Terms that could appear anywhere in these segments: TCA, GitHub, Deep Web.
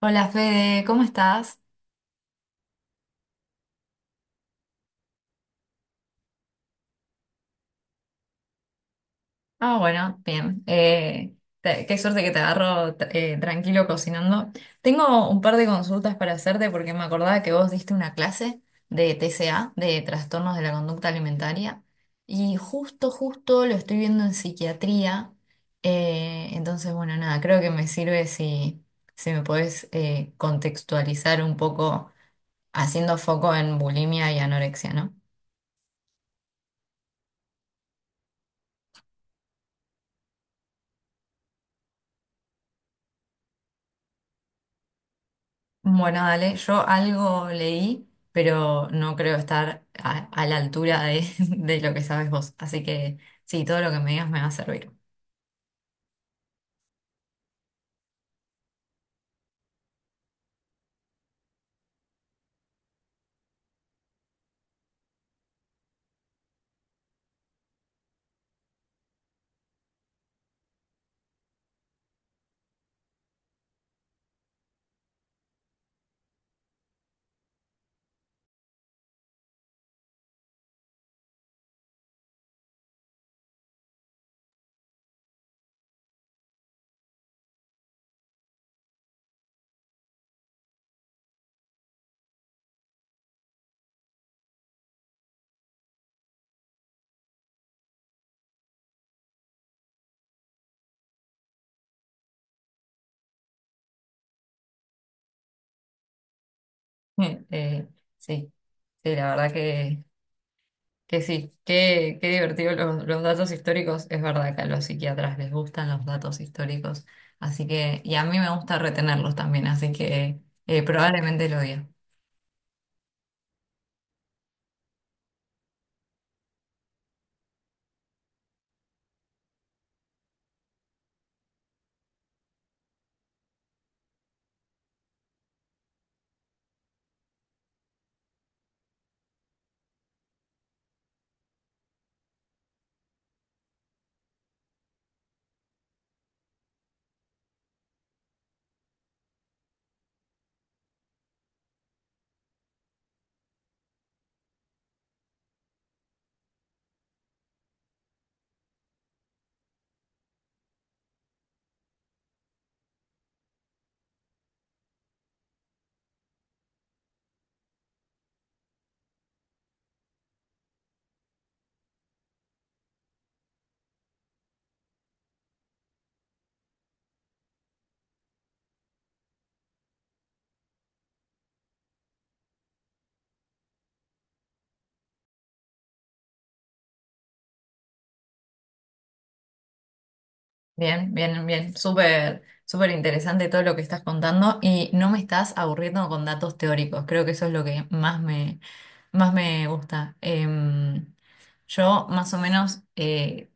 Hola Fede, ¿cómo estás? Ah, bueno, bien. Qué suerte que te agarro tranquilo cocinando. Tengo un par de consultas para hacerte porque me acordaba que vos diste una clase de TCA, de trastornos de la conducta alimentaria, y justo, justo lo estoy viendo en psiquiatría. Entonces, bueno, nada, creo que me sirve si me podés contextualizar un poco haciendo foco en bulimia y anorexia, ¿no? Bueno, dale, yo algo leí, pero no creo estar a la altura de, de lo que sabes vos. Así que sí, todo lo que me digas me va a servir. Eh, sí, sí, la verdad que sí. Qué divertido los datos históricos. Es verdad que a los psiquiatras les gustan los datos históricos. Así que, y a mí me gusta retenerlos también, así que probablemente lo diga. Bien, bien, bien. Súper, súper interesante todo lo que estás contando y no me estás aburriendo con datos teóricos. Creo que eso es lo que más me gusta. Em, yo más o menos,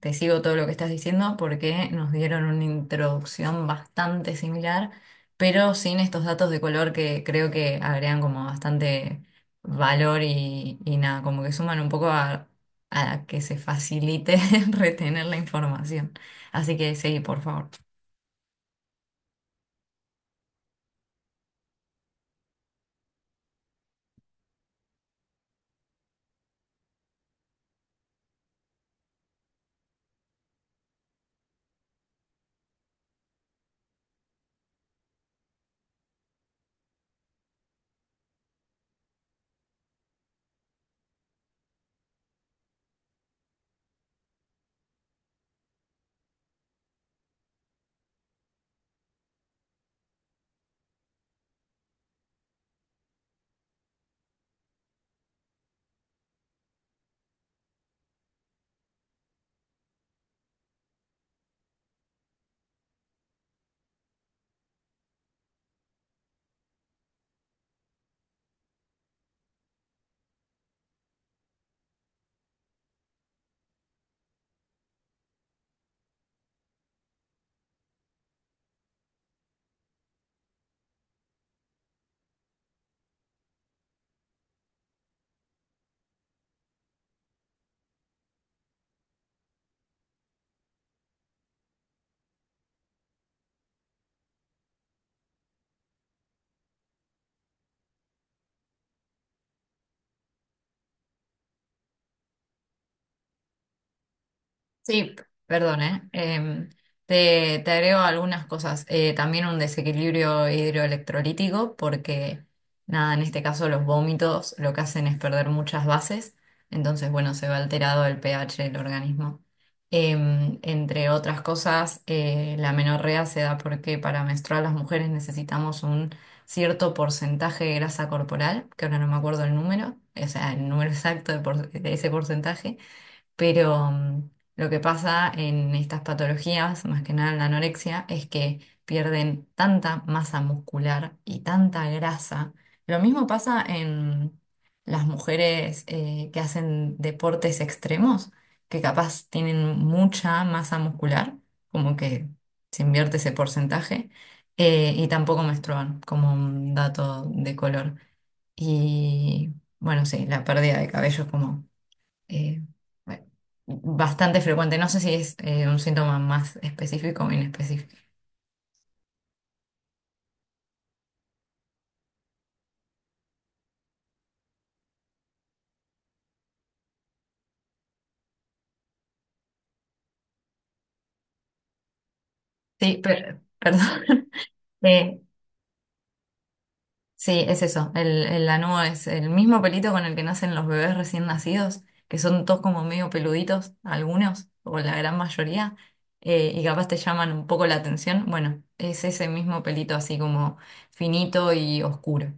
te sigo todo lo que estás diciendo porque nos dieron una introducción bastante similar, pero sin estos datos de color que creo que agregan como bastante valor y nada, como que suman un poco a que se facilite retener la información. Así que seguí, por favor. Sí, p- perdón. ¿Eh? Te te, agrego algunas cosas. También un desequilibrio hidroelectrolítico, porque nada, en este caso los vómitos lo que hacen es perder muchas bases, entonces, bueno, se va alterado el pH del organismo. Entre otras cosas, la menorrea se da porque para menstruar las mujeres necesitamos un cierto porcentaje de grasa corporal, que ahora no me acuerdo el número, o sea, el número exacto de de ese porcentaje, pero lo que pasa en estas patologías, más que nada en la anorexia, es que pierden tanta masa muscular y tanta grasa. Lo mismo pasa en las mujeres que hacen deportes extremos, que capaz tienen mucha masa muscular, como que se invierte ese porcentaje, y tampoco menstruan, como un dato de color. Y bueno, sí, la pérdida de cabello es como eh, bueno, bastante frecuente. No sé si es un síntoma más específico o inespecífico. Sí, perdón. Eh, sí, es eso. El lanugo es el mismo pelito con el que nacen los bebés recién nacidos, que son todos como medio peluditos, algunos, o la gran mayoría, y capaz te llaman un poco la atención. Bueno, es ese mismo pelito así como finito y oscuro.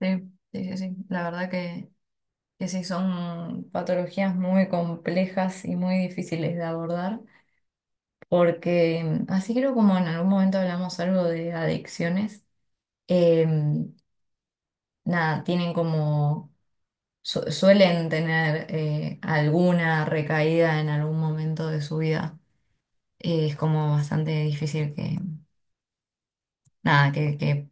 Sí, sí, sí, sí. La verdad que sí, son patologías muy complejas y muy difíciles de abordar, porque así creo como en algún momento hablamos algo de adicciones, eh, nada, tienen como, suelen tener alguna recaída en algún momento de su vida. Es como bastante difícil que, nada, que, que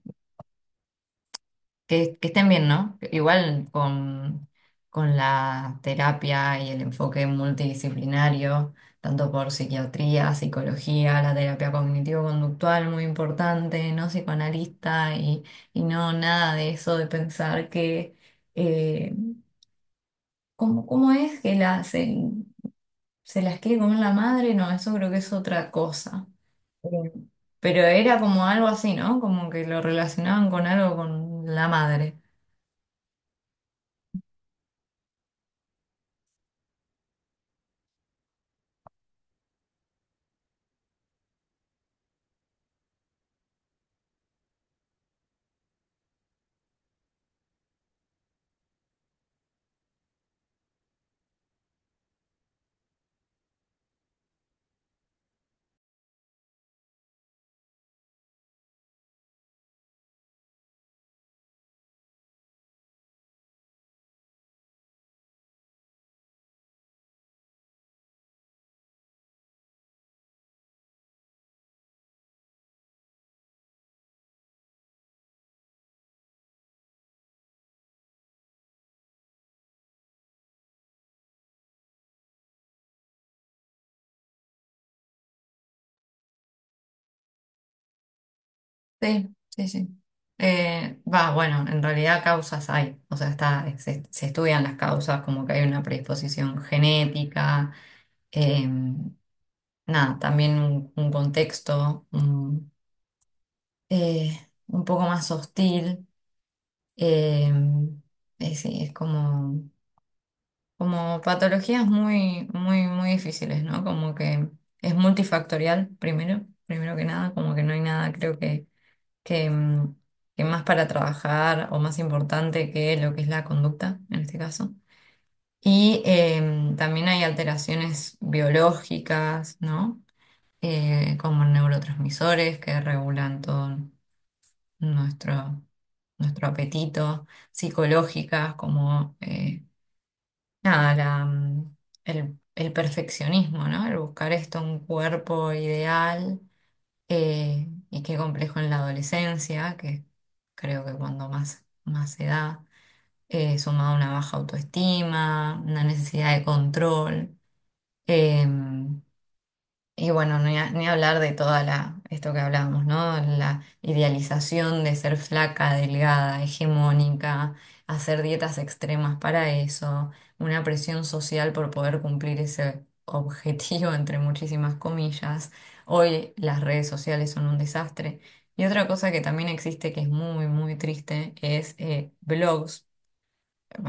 Que, que estén bien, ¿no? Igual con la terapia y el enfoque multidisciplinario, tanto por psiquiatría, psicología, la terapia cognitivo-conductual, muy importante, no psicoanalista y no nada de eso de pensar que, eh, ¿cómo, cómo es que se las quiere comer la madre? No, eso creo que es otra cosa. Eh, Pero era como algo así, ¿no? Como que lo relacionaban con algo con la madre. Sí, sí, sí. Va, bueno, en realidad causas hay, o sea, está, se estudian las causas, como que hay una predisposición genética, eh, nada, también un contexto eh, un poco más hostil, eh, sí, es como, como patologías muy, muy, muy difíciles, ¿no? Como que es multifactorial, primero, primero que nada, como que no hay nada, creo que, mm, que más para trabajar o más importante que lo que es la conducta en este caso. Y em, también hay alteraciones biológicas, ¿no? Como neurotransmisores que regulan todo nuestro, nuestro apetito, psicológicas como nada, el perfeccionismo, ¿no? El buscar esto, un cuerpo ideal y qué complejo en la adolescencia, que creo que cuando más se da, sumado a una baja autoestima, una necesidad de control. Em, y bueno, ni hablar de toda la, esto que hablábamos, ¿no? La idealización de ser flaca, delgada, hegemónica, hacer dietas extremas para eso, una presión social por poder cumplir ese objetivo, entre muchísimas comillas. Hoy las redes sociales son un desastre. Y otra cosa que también existe que es muy, muy triste es blogs,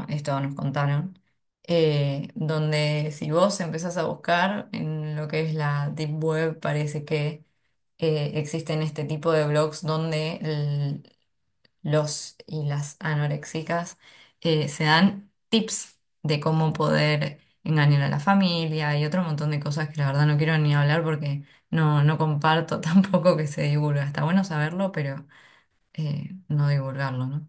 esto nos contaron, donde si vos empezás a buscar en lo que es la Deep Web, parece que existen este tipo de blogs donde los y las anorexicas se dan tips de cómo poder engañar a la familia y otro montón de cosas que la verdad no quiero ni hablar porque no, no comparto tampoco que se divulga. Está bueno saberlo, pero no divulgarlo, ¿no?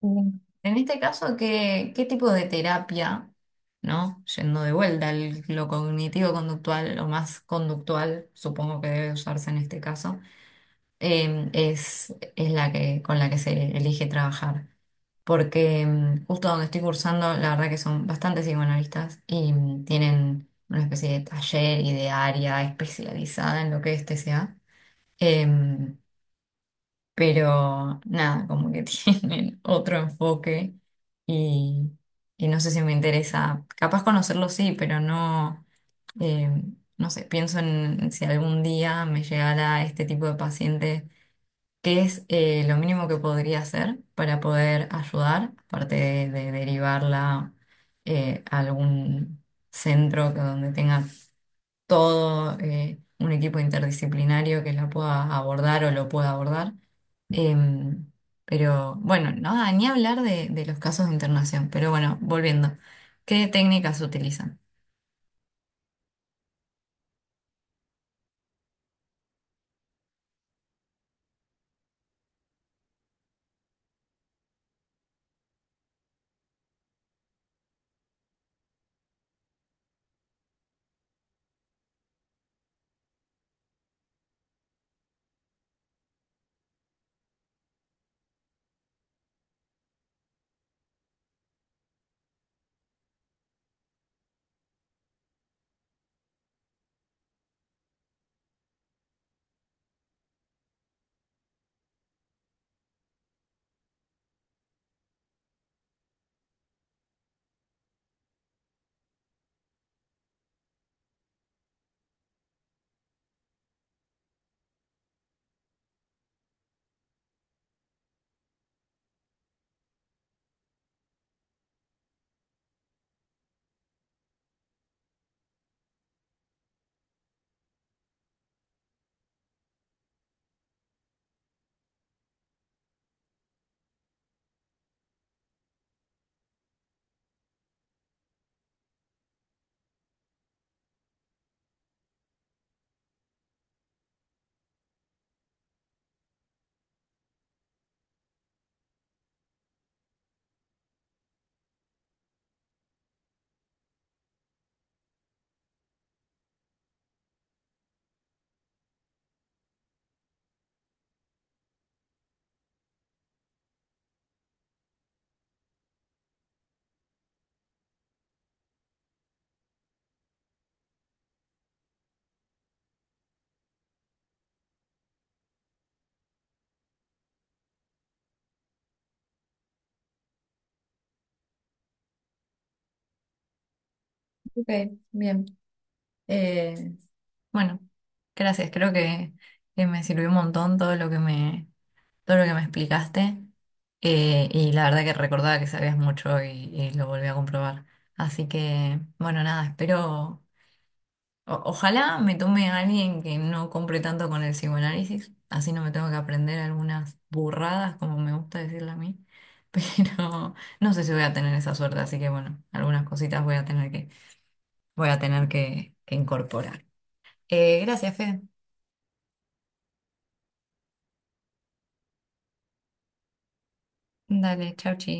Mm. En este caso, ¿qué, qué tipo de terapia, ¿no? Yendo de vuelta lo cognitivo-conductual, lo más conductual, supongo que debe usarse en este caso, es la que, con la que se elige trabajar. Porque mm, justo donde estoy cursando, la verdad que son bastantes psicoanalistas y mm, tienen una especie de taller y de área especializada en lo que es TCA, pero nada, como que tienen otro enfoque y, y no sé si me interesa, capaz conocerlo sí, pero no, eh, no sé, pienso en si algún día me llegara este tipo de paciente, qué es lo mínimo que podría hacer para poder ayudar, aparte de derivarla a algún centro que donde tenga todo un equipo interdisciplinario que la pueda abordar o lo pueda abordar. Em, pero bueno, no, ah, ni hablar de los casos de internación. Pero bueno, volviendo, ¿qué técnicas utilizan? Ok, bien. Eh, bueno, gracias. Creo que me sirvió un montón todo lo que me, todo lo que me explicaste. Y la verdad que recordaba que sabías mucho y lo volví a comprobar. Así que, bueno, nada, espero. Ojalá me tome a alguien que no compre tanto con el psicoanálisis, así no me tengo que aprender algunas burradas, como me gusta decirle a mí, pero no sé si voy a tener esa suerte, así que bueno, algunas cositas voy a tener voy a tener que incorporar. Gracias, Fede. Dale, chau, chi.